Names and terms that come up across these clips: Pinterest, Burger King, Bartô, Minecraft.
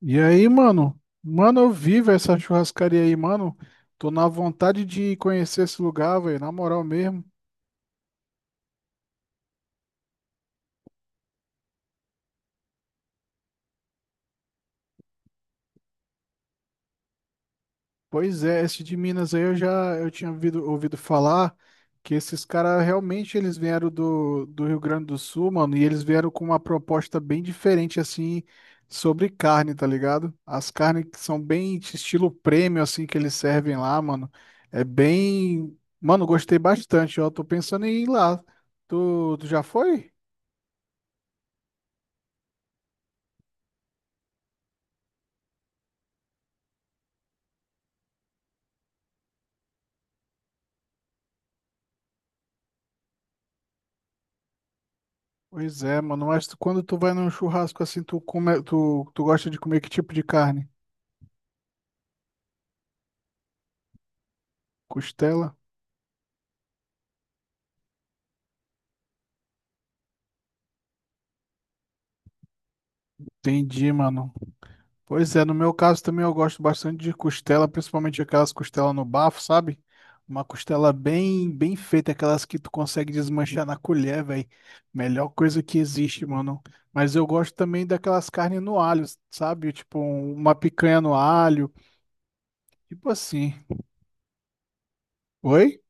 E aí, mano? Mano, eu vivo essa churrascaria aí, mano. Tô na vontade de conhecer esse lugar, velho, na moral mesmo. Pois é, esse de Minas aí eu já eu tinha ouvido falar que esses caras realmente eles vieram do Rio Grande do Sul, mano, e eles vieram com uma proposta bem diferente, assim, sobre carne, tá ligado? As carnes que são bem estilo prêmio, assim, que eles servem lá, mano. É bem, mano, gostei bastante, ó. Tô pensando em ir lá. Tu já foi? Pois é, mano, mas quando tu vai num churrasco assim, tu come, tu gosta de comer que tipo de carne? Costela? Entendi, mano. Pois é, no meu caso também eu gosto bastante de costela, principalmente aquelas costelas no bafo, sabe? Uma costela bem feita, aquelas que tu consegue desmanchar na colher, velho. Melhor coisa que existe, mano. Mas eu gosto também daquelas carnes no alho, sabe? Tipo, uma picanha no alho, tipo assim. Oi?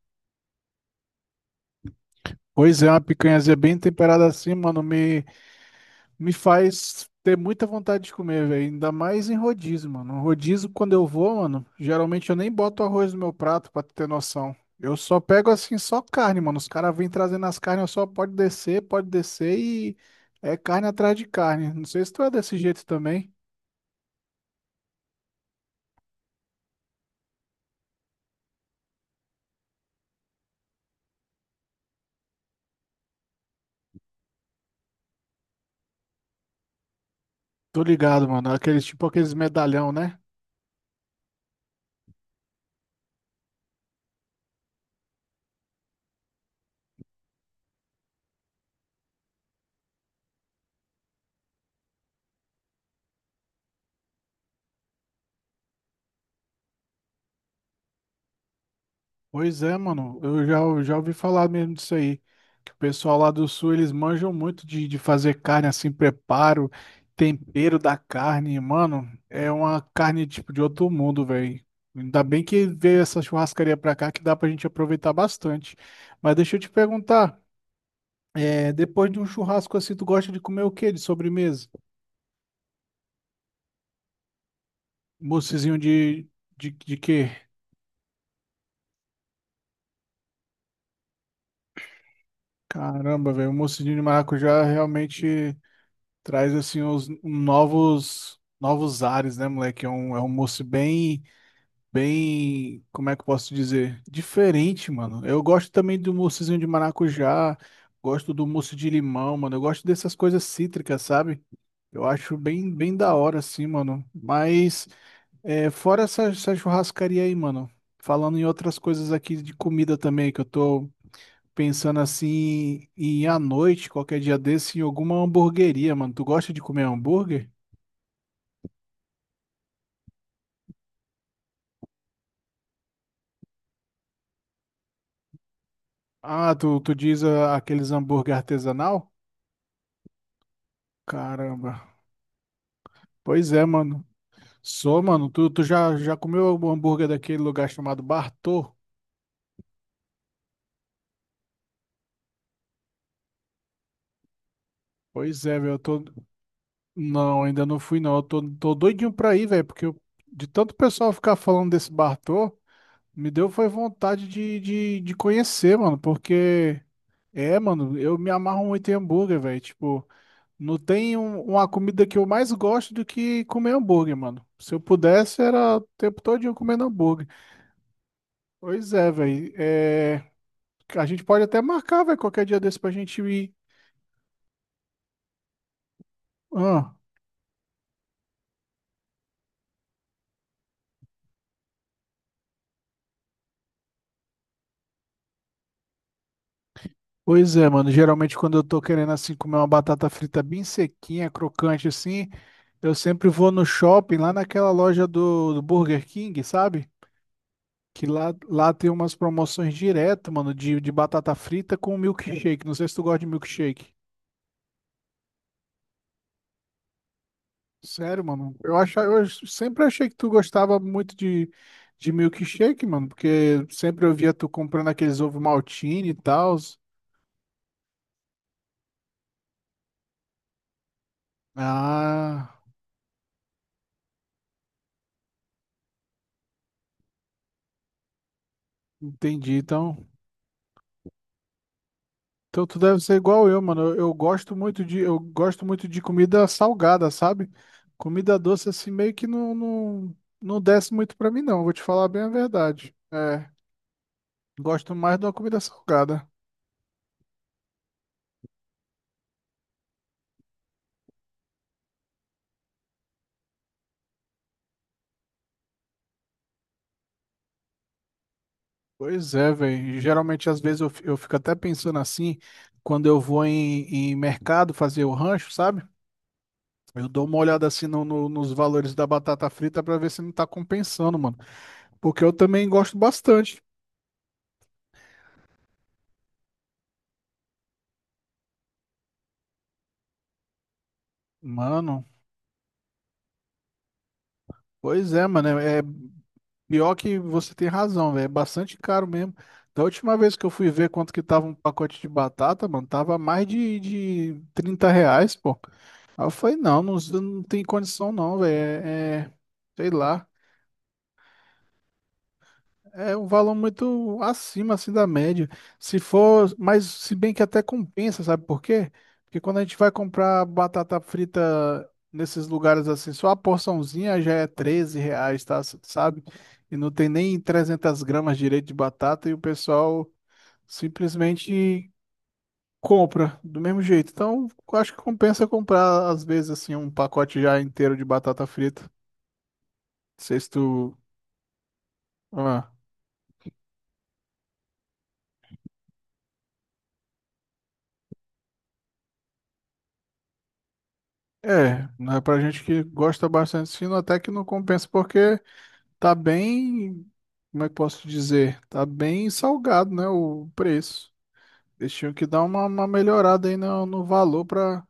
Pois é, uma picanhazinha bem temperada assim, mano, me me faz ter muita vontade de comer, velho. Ainda mais em rodízio, mano. Um rodízio, quando eu vou, mano, geralmente eu nem boto arroz no meu prato, pra tu ter noção. Eu só pego assim, só carne, mano. Os caras vêm trazendo as carnes, eu só pode descer e é carne atrás de carne. Não sei se tu é desse jeito também. Tô ligado, mano. Aqueles tipo aqueles medalhão, né? Pois é, mano. Eu já ouvi falar mesmo disso aí. Que o pessoal lá do sul, eles manjam muito de fazer carne assim, preparo, tempero da carne. Mano, é uma carne tipo de outro mundo, velho. Ainda bem que veio essa churrascaria pra cá que dá pra gente aproveitar bastante. Mas deixa eu te perguntar, é, depois de um churrasco assim, tu gosta de comer o quê de sobremesa? Moussezinho de quê? Caramba, velho, o moussezinho de maracujá realmente. Traz assim os novos novos ares, né, moleque? É um moço bem, bem, como é que eu posso dizer? Diferente, mano. Eu gosto também do moussezinho de maracujá, gosto do mousse de limão, mano. Eu gosto dessas coisas cítricas, sabe? Eu acho bem da hora, assim, mano. Mas é, fora essa churrascaria aí, mano. Falando em outras coisas aqui de comida também, que eu tô pensando assim em ir à noite, qualquer dia desse, em alguma hamburgueria, mano. Tu gosta de comer hambúrguer? Ah, tu diz ah, aqueles hambúrguer artesanal? Caramba. Pois é, mano. Sou, mano. Tu já, já comeu algum hambúrguer daquele lugar chamado Bartô? Pois é, velho. Eu tô. Não, ainda não fui, não. Eu tô, tô doidinho pra ir, velho. Porque de tanto pessoal ficar falando desse Bartô, me deu foi vontade de conhecer, mano. Porque. É, mano, eu me amarro muito em hambúrguer, velho. Tipo. Não tem uma comida que eu mais gosto do que comer hambúrguer, mano. Se eu pudesse, era o tempo todinho comendo hambúrguer. Pois é, velho. É, a gente pode até marcar, velho, qualquer dia desse pra gente ir. Ah, pois é, mano. Geralmente, quando eu tô querendo, assim, comer uma batata frita bem sequinha, crocante, assim, eu sempre vou no shopping, lá naquela loja do Burger King, sabe? Que lá tem umas promoções direto, mano, de batata frita com milkshake. Não sei se tu gosta de milkshake. Sério, mano. Eu achava, eu sempre achei que tu gostava muito de milkshake, mano, porque sempre eu via tu comprando aqueles ovo maltine e tal. Ah, entendi. Então, então tu deve ser igual eu, mano. Eu gosto muito de, eu gosto muito de comida salgada, sabe? Comida doce assim meio que não desce muito pra mim, não. Vou te falar bem a verdade. É, gosto mais de uma comida salgada. Pois é, velho. Geralmente, às vezes, eu, eu fico até pensando assim, quando eu vou em mercado fazer o rancho, sabe? Eu dou uma olhada assim nos valores da batata frita pra ver se não tá compensando, mano. Porque eu também gosto bastante. Mano, pois é, mano. É pior que você tem razão, velho. É bastante caro mesmo. Da última vez que eu fui ver quanto que tava um pacote de batata, mano, tava mais de 30 reais, pô. Aí eu falei, não tem condição não, velho. É, sei lá. É um valor muito acima assim da média. Se for, mas se bem que até compensa, sabe por quê? Porque quando a gente vai comprar batata frita nesses lugares assim, só a porçãozinha já é 13 reais, tá? Sabe? E não tem nem 300 gramas direito de batata e o pessoal simplesmente compra do mesmo jeito. Então, eu acho que compensa comprar às vezes assim um pacote já inteiro de batata frita. Não sei se tu... ah. É, né, pra gente que gosta bastante de sino, até que não compensa, porque tá bem, como é que posso dizer? Tá bem salgado, né, o preço. Eles tinham que dar uma melhorada aí no valor pra,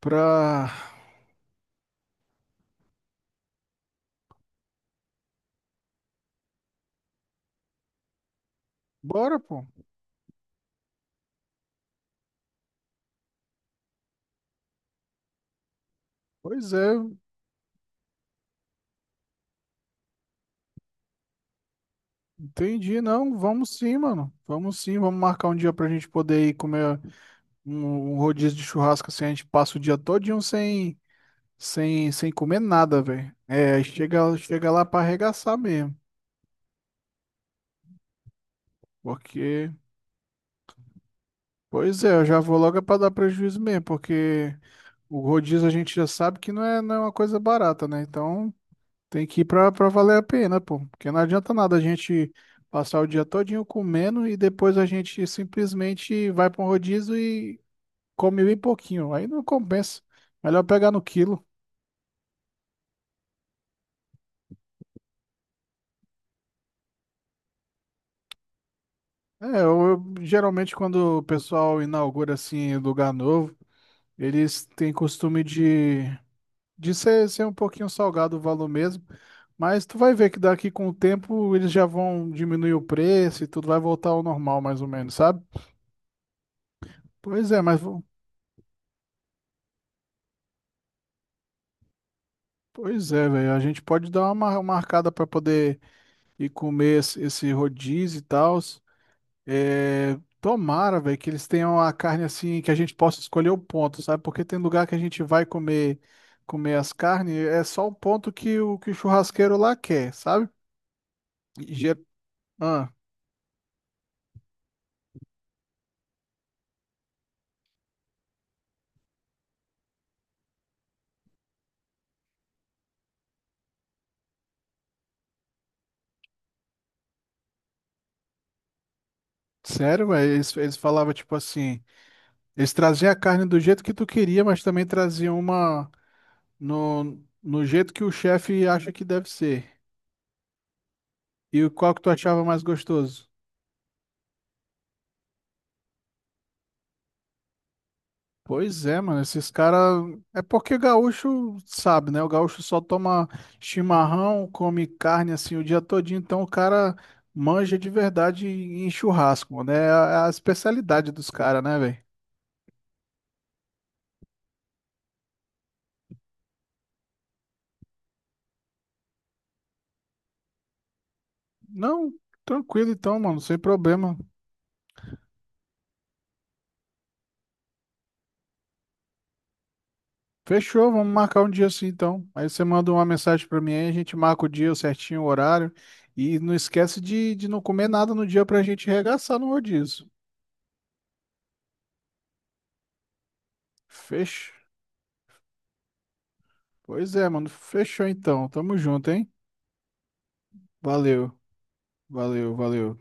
pra... Bora, pô. Pois é, entendi, não, vamos sim, mano. Vamos sim, vamos marcar um dia pra gente poder ir comer um, um rodízio de churrasco, assim, a gente passa o dia todinho sem, sem comer nada, velho. É, chega, chega lá pra arregaçar mesmo, porque... Pois é, eu já vou logo para dar prejuízo mesmo, porque o rodízio a gente já sabe que não é, não é uma coisa barata, né? Então tem que ir para valer a pena, pô. Porque não adianta nada a gente passar o dia todinho comendo e depois a gente simplesmente vai para um rodízio e come bem pouquinho. Aí não compensa. Melhor pegar no quilo. É, eu, geralmente quando o pessoal inaugura assim lugar novo, eles têm costume de ser, ser um pouquinho salgado o valor mesmo, mas tu vai ver que daqui com o tempo eles já vão diminuir o preço e tudo vai voltar ao normal mais ou menos, sabe? Pois é, mas pois é, velho, a gente pode dar uma marcada para poder ir comer esse, esse rodízio e tal. É, tomara, velho, que eles tenham a carne assim que a gente possa escolher o ponto, sabe? Porque tem lugar que a gente vai comer as carnes, é só o ponto que o churrasqueiro lá quer, sabe? E, ah. Sério, velho? Eles falavam tipo assim, eles traziam a carne do jeito que tu queria, mas também traziam uma no, no jeito que o chefe acha que deve ser. E qual que tu achava mais gostoso? Pois é, mano, esses caras. É porque gaúcho sabe, né? O gaúcho só toma chimarrão, come carne assim o dia todinho, então o cara manja de verdade em churrasco, né? É a especialidade dos caras, né, velho? Não, tranquilo então, mano, sem problema. Fechou, vamos marcar um dia assim então. Aí você manda uma mensagem pra mim aí, a gente marca o dia certinho, o horário. E não esquece de não comer nada no dia pra gente regaçar no rodízio. Fechou. Pois é, mano, fechou então. Tamo junto, hein? Valeu, valeu, valeu.